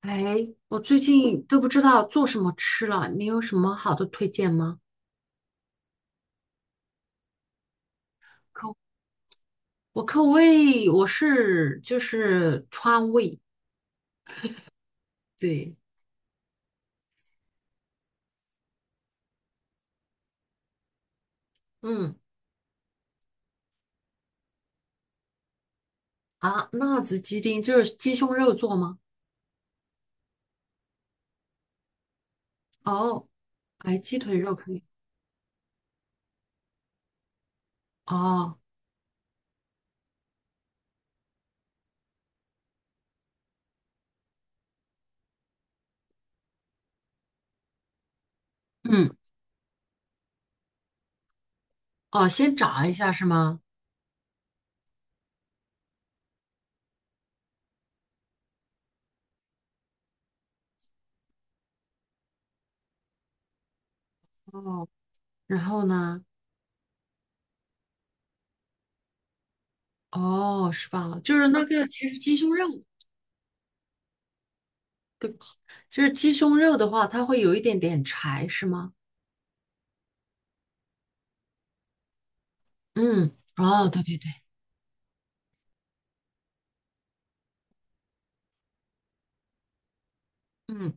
哎，我最近都不知道做什么吃了，你有什么好的推荐吗？口，我口味就是川味。对。嗯辣子鸡丁就是鸡胸肉做吗？哦，哎，鸡腿肉可以。哦。嗯。哦，先炸一下是吗？哦，然后呢？哦，是吧？就是那个，其实鸡胸肉，就是鸡胸肉的话，它会有一点点柴，是吗？嗯，哦，对对对。嗯。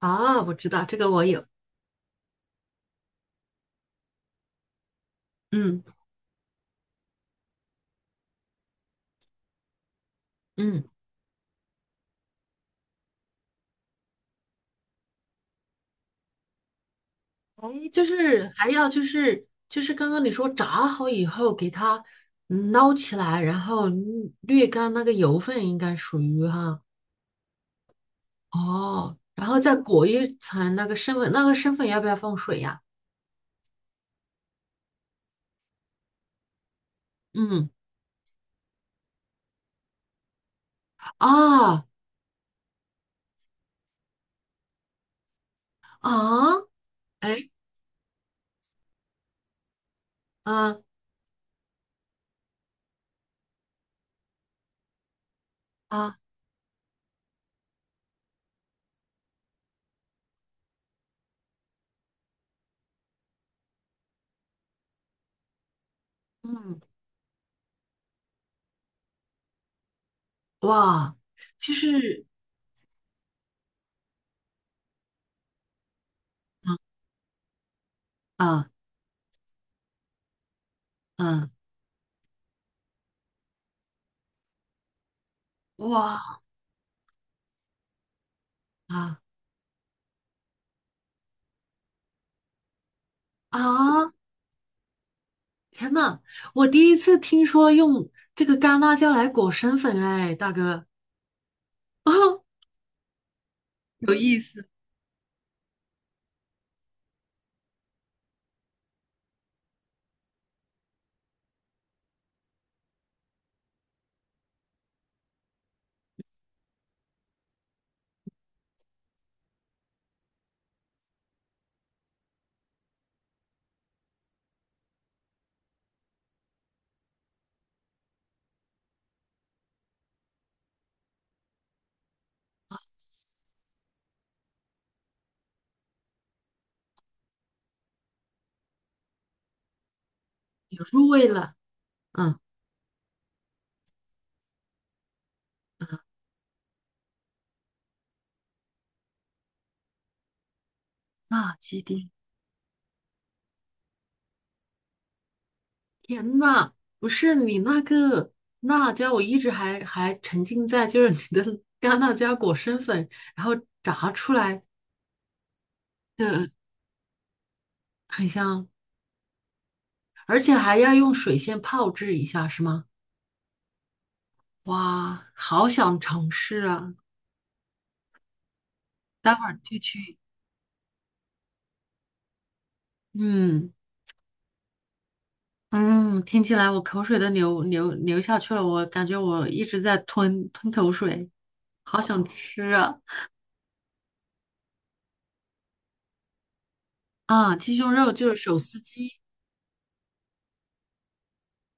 啊，我知道这个我有。嗯嗯。哎，就是还要就是刚刚你说炸好以后给它捞起来，然后滤略干那个油分，应该属于哈。哦，然后再裹一层那个生粉，那个生粉要不要放水呀？嗯。啊。啊，哎。啊啊嗯哇。就是。嗯嗯嗯哇。啊。啊，天呐，我第一次听说用这个干辣椒来裹生粉。哎，大哥，有意思。有入味了。嗯。嗯，辣鸡丁。天呐，不是你那个辣椒，我一直还沉浸在就是你的干辣椒裹生粉，然后炸出来的很香。而且还要用水先泡制一下，是吗？哇，好想尝试啊！待会儿就去。嗯。嗯，听起来我口水都流下去了，我感觉我一直在吞口水。好想吃啊！啊，鸡胸肉就是手撕鸡。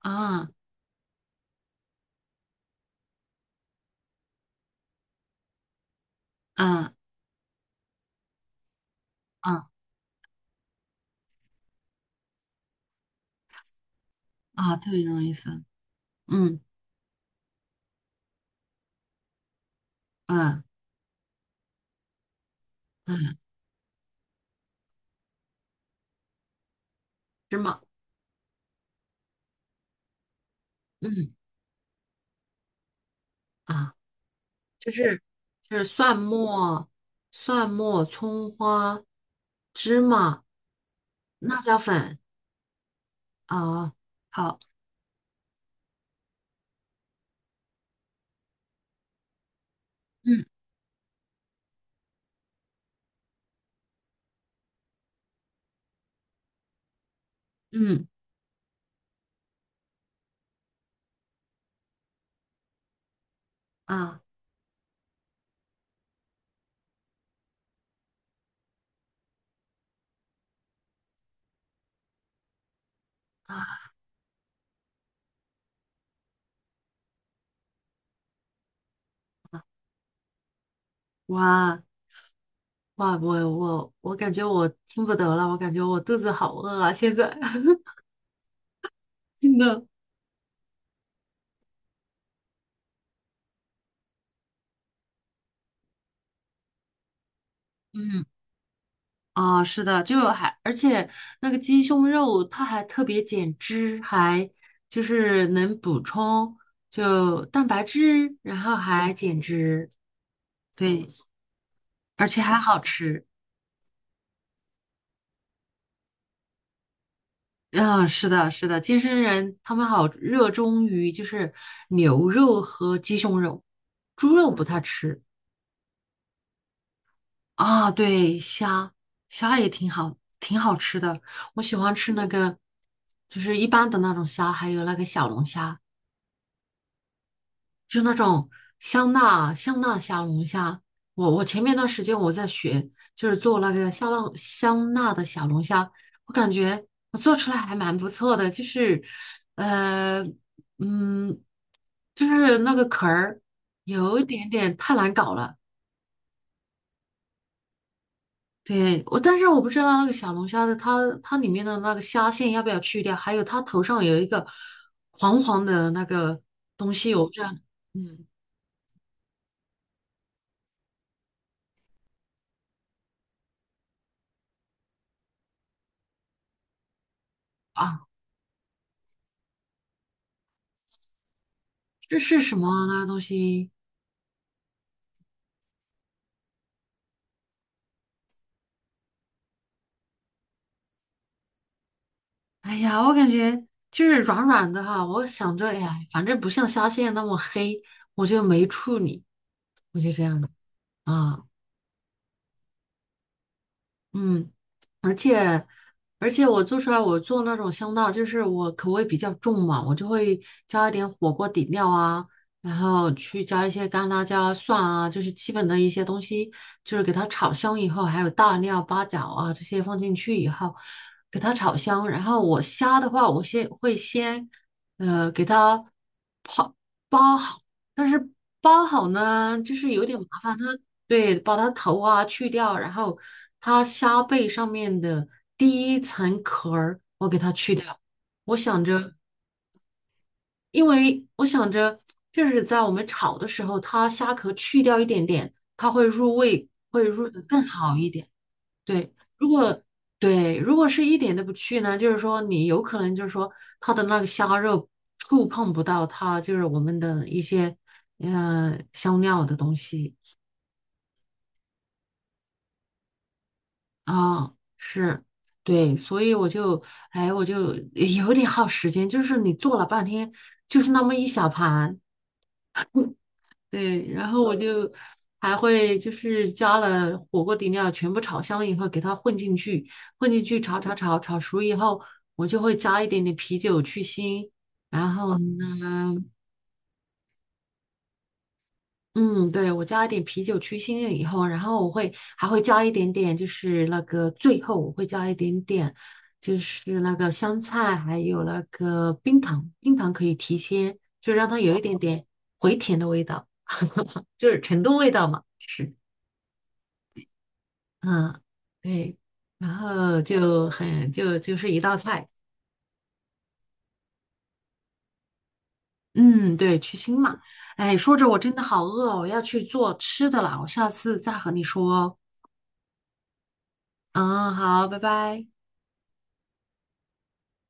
啊。啊啊特别容易撕。嗯。嗯嗯，芝麻。嗯。啊，就是就是蒜末、蒜末、葱花、芝麻、辣椒粉。啊，好。嗯嗯啊啊。哇。哇，我感觉我听不得了，我感觉我肚子好饿啊！现在 真的。嗯。啊，是的，就还而且那个鸡胸肉它还特别减脂，还就是能补充就蛋白质，然后还减脂。对，而且还好吃。嗯，是的，是的，健身人他们好热衷于就是牛肉和鸡胸肉，猪肉不太吃。啊，对，虾也挺好，挺好吃的。我喜欢吃那个，就是一般的那种虾，还有那个小龙虾，就是那种香辣香辣小龙虾。我前面段时间我在学，就是做那个香辣香辣的小龙虾。我感觉我做出来还蛮不错的，就是呃嗯，就是那个壳儿有一点点太难搞了。对，我但是我不知道那个小龙虾的它里面的那个虾线要不要去掉，还有它头上有一个黄黄的那个东西，我不知道。嗯。啊，这是什么啊那个东西？哎呀，我感觉就是软软的哈，我想着，哎呀，反正不像虾线那么黑，我就没处理，我就这样的。啊。嗯。而且而且我做出来，我做那种香辣，就是我口味比较重嘛，我就会加一点火锅底料啊，然后去加一些干辣椒、蒜啊，就是基本的一些东西，就是给它炒香以后，还有大料、八角啊这些放进去以后，给它炒香。然后我虾的话，我先会给它。包好，但是包好呢，就是有点麻烦。它对，把它头啊去掉，然后它虾背上面的第一层壳儿，我给它去掉。我想着，因为我想着，就是在我们炒的时候，它虾壳去掉一点点，它会入味，会入得更好一点。对，如果对，如果是一点都不去呢，就是说你有可能就是说它的那个虾肉触碰不到它，就是我们的一些香料的东西。啊，是，对，所以我就哎我就 有点耗时间，就是你做了半天，就是那么一小盘。对，然后我就还会就是加了火锅底料，全部炒香以后给它混进去，混进去炒熟以后，我就会加一点点啤酒去腥。然后呢，嗯，对，我加一点啤酒去腥了以后，然后我会还会加一点点，就是那个最后我会加一点点，就是那个香菜，还有那个冰糖，冰糖可以提鲜，就让它有一点点回甜的味道，就是成都味道嘛，就是。嗯，对，然后就就是一道菜。嗯，对，去腥嘛。哎，说着我真的好饿哦，我要去做吃的了，我下次再和你说哦。嗯，好，拜拜。